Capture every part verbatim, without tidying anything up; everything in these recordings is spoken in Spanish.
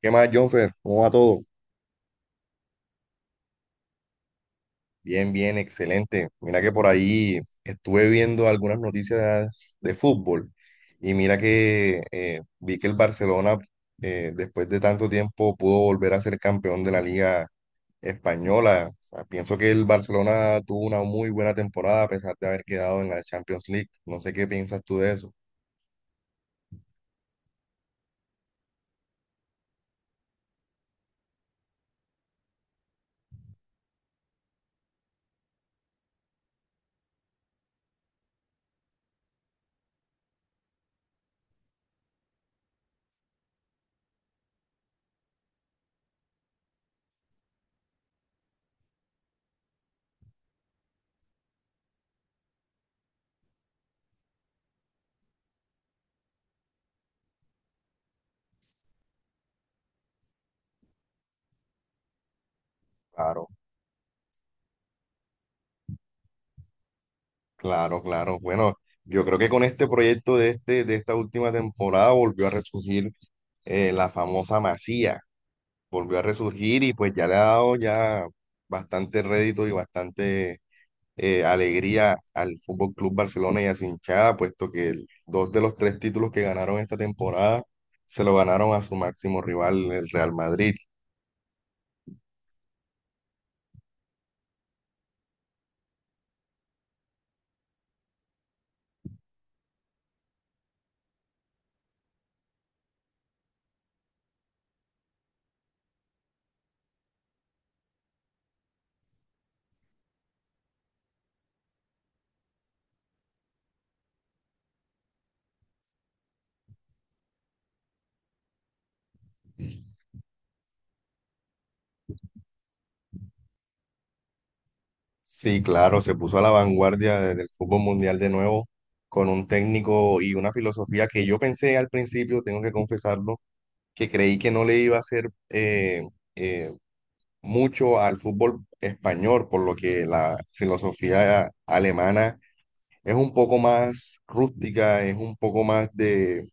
¿Qué más, Jonfer? ¿Cómo va todo? Bien, bien, excelente. Mira que por ahí estuve viendo algunas noticias de fútbol y mira que eh, vi que el Barcelona, eh, después de tanto tiempo, pudo volver a ser campeón de la Liga Española. O sea, pienso que el Barcelona tuvo una muy buena temporada a pesar de haber quedado en la Champions League. No sé qué piensas tú de eso. Claro, claro, claro. Bueno, yo creo que con este proyecto de este, de esta última temporada volvió a resurgir, eh, la famosa Masía volvió a resurgir y pues ya le ha dado ya bastante rédito y bastante eh, alegría al Fútbol Club Barcelona y a su hinchada, puesto que el- dos de los tres títulos que ganaron esta temporada se lo ganaron a su máximo rival, el Real Madrid. Sí, claro, se puso a la vanguardia de- del fútbol mundial de nuevo con un técnico y una filosofía que yo pensé al principio, tengo que confesarlo, que creí que no le iba a ser mucho al fútbol español, por lo que la filosofía alemana es un poco más rústica, es un poco más de,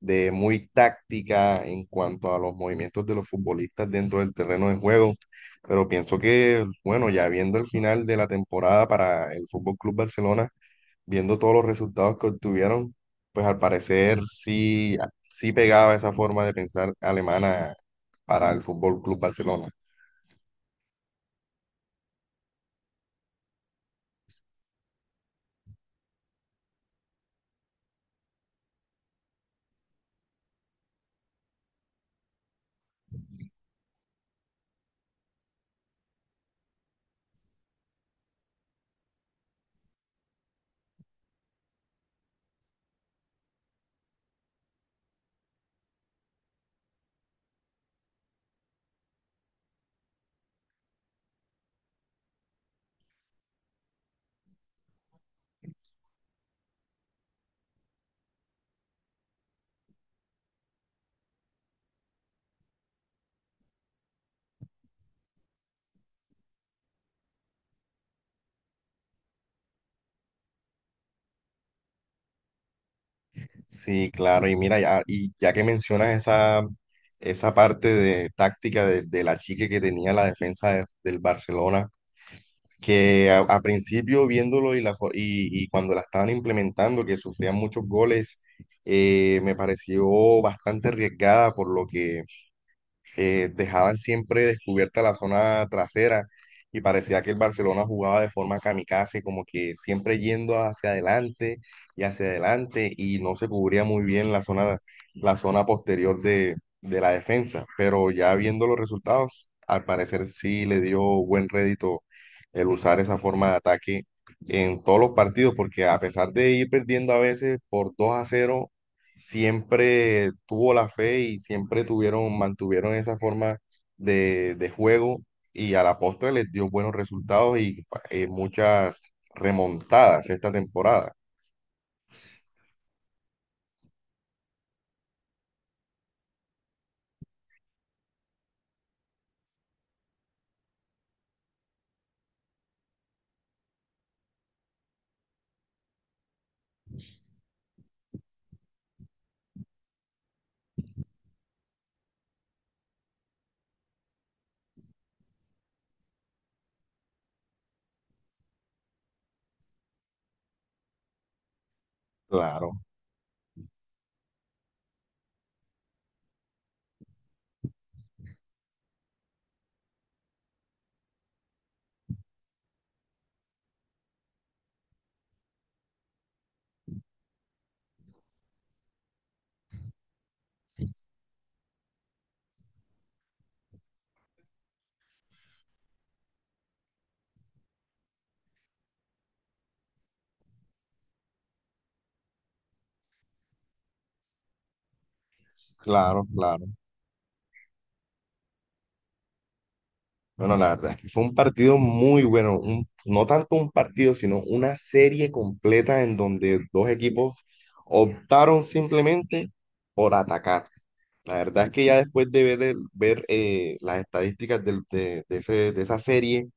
de muy táctica en cuanto a los movimientos de los futbolistas dentro del terreno de juego. Pero pienso que, bueno, ya viendo el final de la temporada para el Fútbol Club Barcelona, viendo todos los resultados que obtuvieron, pues al parecer sí, sí pegaba esa forma de pensar alemana para el Fútbol Club Barcelona. Sí, claro, y mira, ya, y ya que mencionas esa, esa parte de táctica de, de la chica que tenía la defensa de- del Barcelona, que a, a principio viéndolo y, la, fo- y, y cuando la estaban implementando, que sufrían muchos goles, eh, me pareció bastante arriesgada por lo que eh, dejaban siempre descubierta la zona trasera y parecía que el Barcelona jugaba de forma kamikaze, como que siempre yendo hacia adelante y hacia adelante y no se cubría muy bien la zona, la zona posterior de, de la defensa, pero ya viendo los resultados, al parecer sí le dio buen rédito el usar esa forma de ataque en todos los partidos, porque a pesar de ir perdiendo a veces por dos a cero siempre tuvo la fe y siempre tuvieron, mantuvieron esa forma de, de juego y a la postre les dio buenos resultados y eh, muchas remontadas esta temporada. Claro, claro, claro. Bueno, la verdad es que fue un partido muy bueno, un- no tanto un partido, sino una serie completa en donde dos equipos optaron simplemente por atacar. La verdad es que ya después de ver, el- ver eh, las estadísticas del- de, de ese- de esa serie,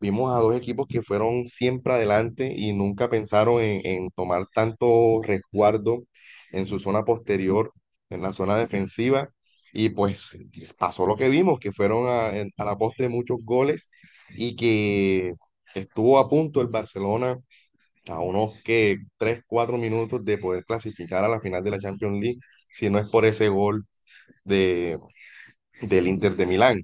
vimos a dos equipos que fueron siempre adelante y nunca pensaron en, en tomar tanto resguardo en su zona posterior, en la zona defensiva. Y pues pasó lo que vimos, que fueron a, en- a la postre muchos goles y que estuvo a punto el Barcelona a unos que tres cuatro minutos de poder clasificar a la final de la Champions League, si no es por ese gol de, del Inter de Milán.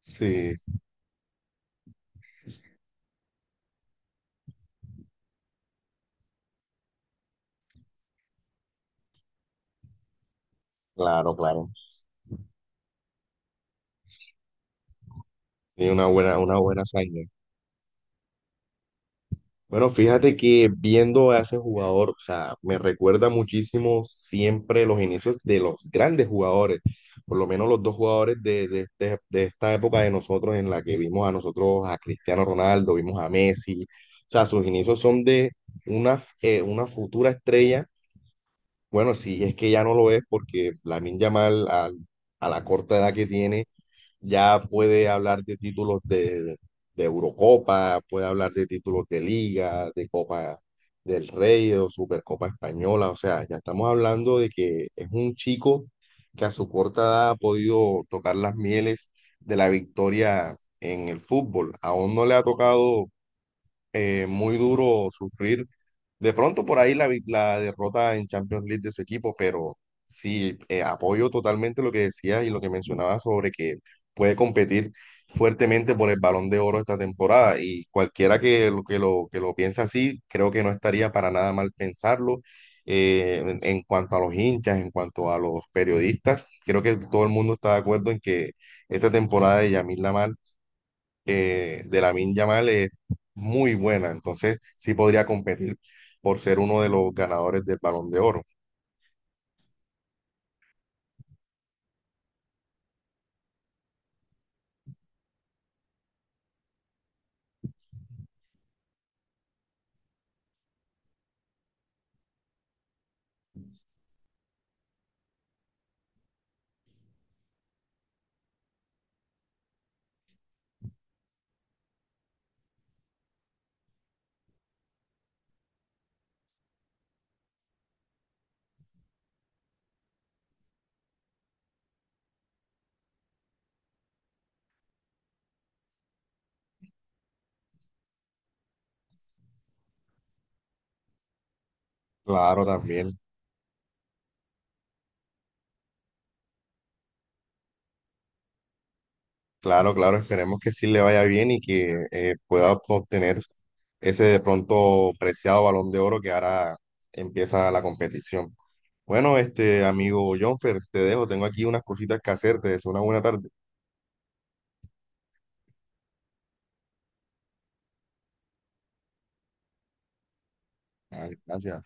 Sí, claro, claro. Y una buena, una buena hazaña. Bueno, fíjate que viendo a ese jugador, o sea, me recuerda muchísimo siempre los inicios de los grandes jugadores, por lo menos los dos jugadores de, de, de- de esta época de nosotros en la que vimos a nosotros, a Cristiano Ronaldo, vimos a Messi, o sea, sus inicios son de una, eh, una futura estrella, bueno, si es que ya no lo es porque la Yamal al- a la corta edad que tiene ya puede hablar de títulos de, de Eurocopa, puede hablar de títulos de Liga, de Copa del Rey o Supercopa Española. O sea, ya estamos hablando de que es un chico que a su corta edad ha podido tocar las mieles de la victoria en el fútbol. Aún no le ha tocado eh, muy duro sufrir de pronto por ahí la, vi- la derrota en Champions League de su equipo, pero sí, eh, apoyo totalmente lo que decías y lo que mencionabas sobre que puede competir fuertemente por el Balón de Oro esta temporada y cualquiera que lo, que lo, que lo piensa así, creo que no estaría para nada mal pensarlo. eh, en, en cuanto a los hinchas, en cuanto a los periodistas, creo que todo el mundo está de acuerdo en que esta temporada de Yamil Lamar eh, de Lamine Yamal es muy buena, entonces sí podría competir por ser uno de los ganadores del Balón de Oro. Claro, también, claro, claro, esperemos que sí le vaya bien y que eh, pueda obtener ese de pronto preciado Balón de Oro que ahora empieza la competición. Bueno, este amigo Jonfer, te dejo, tengo aquí unas cositas que hacerte, es una buena tarde. Ah, gracias.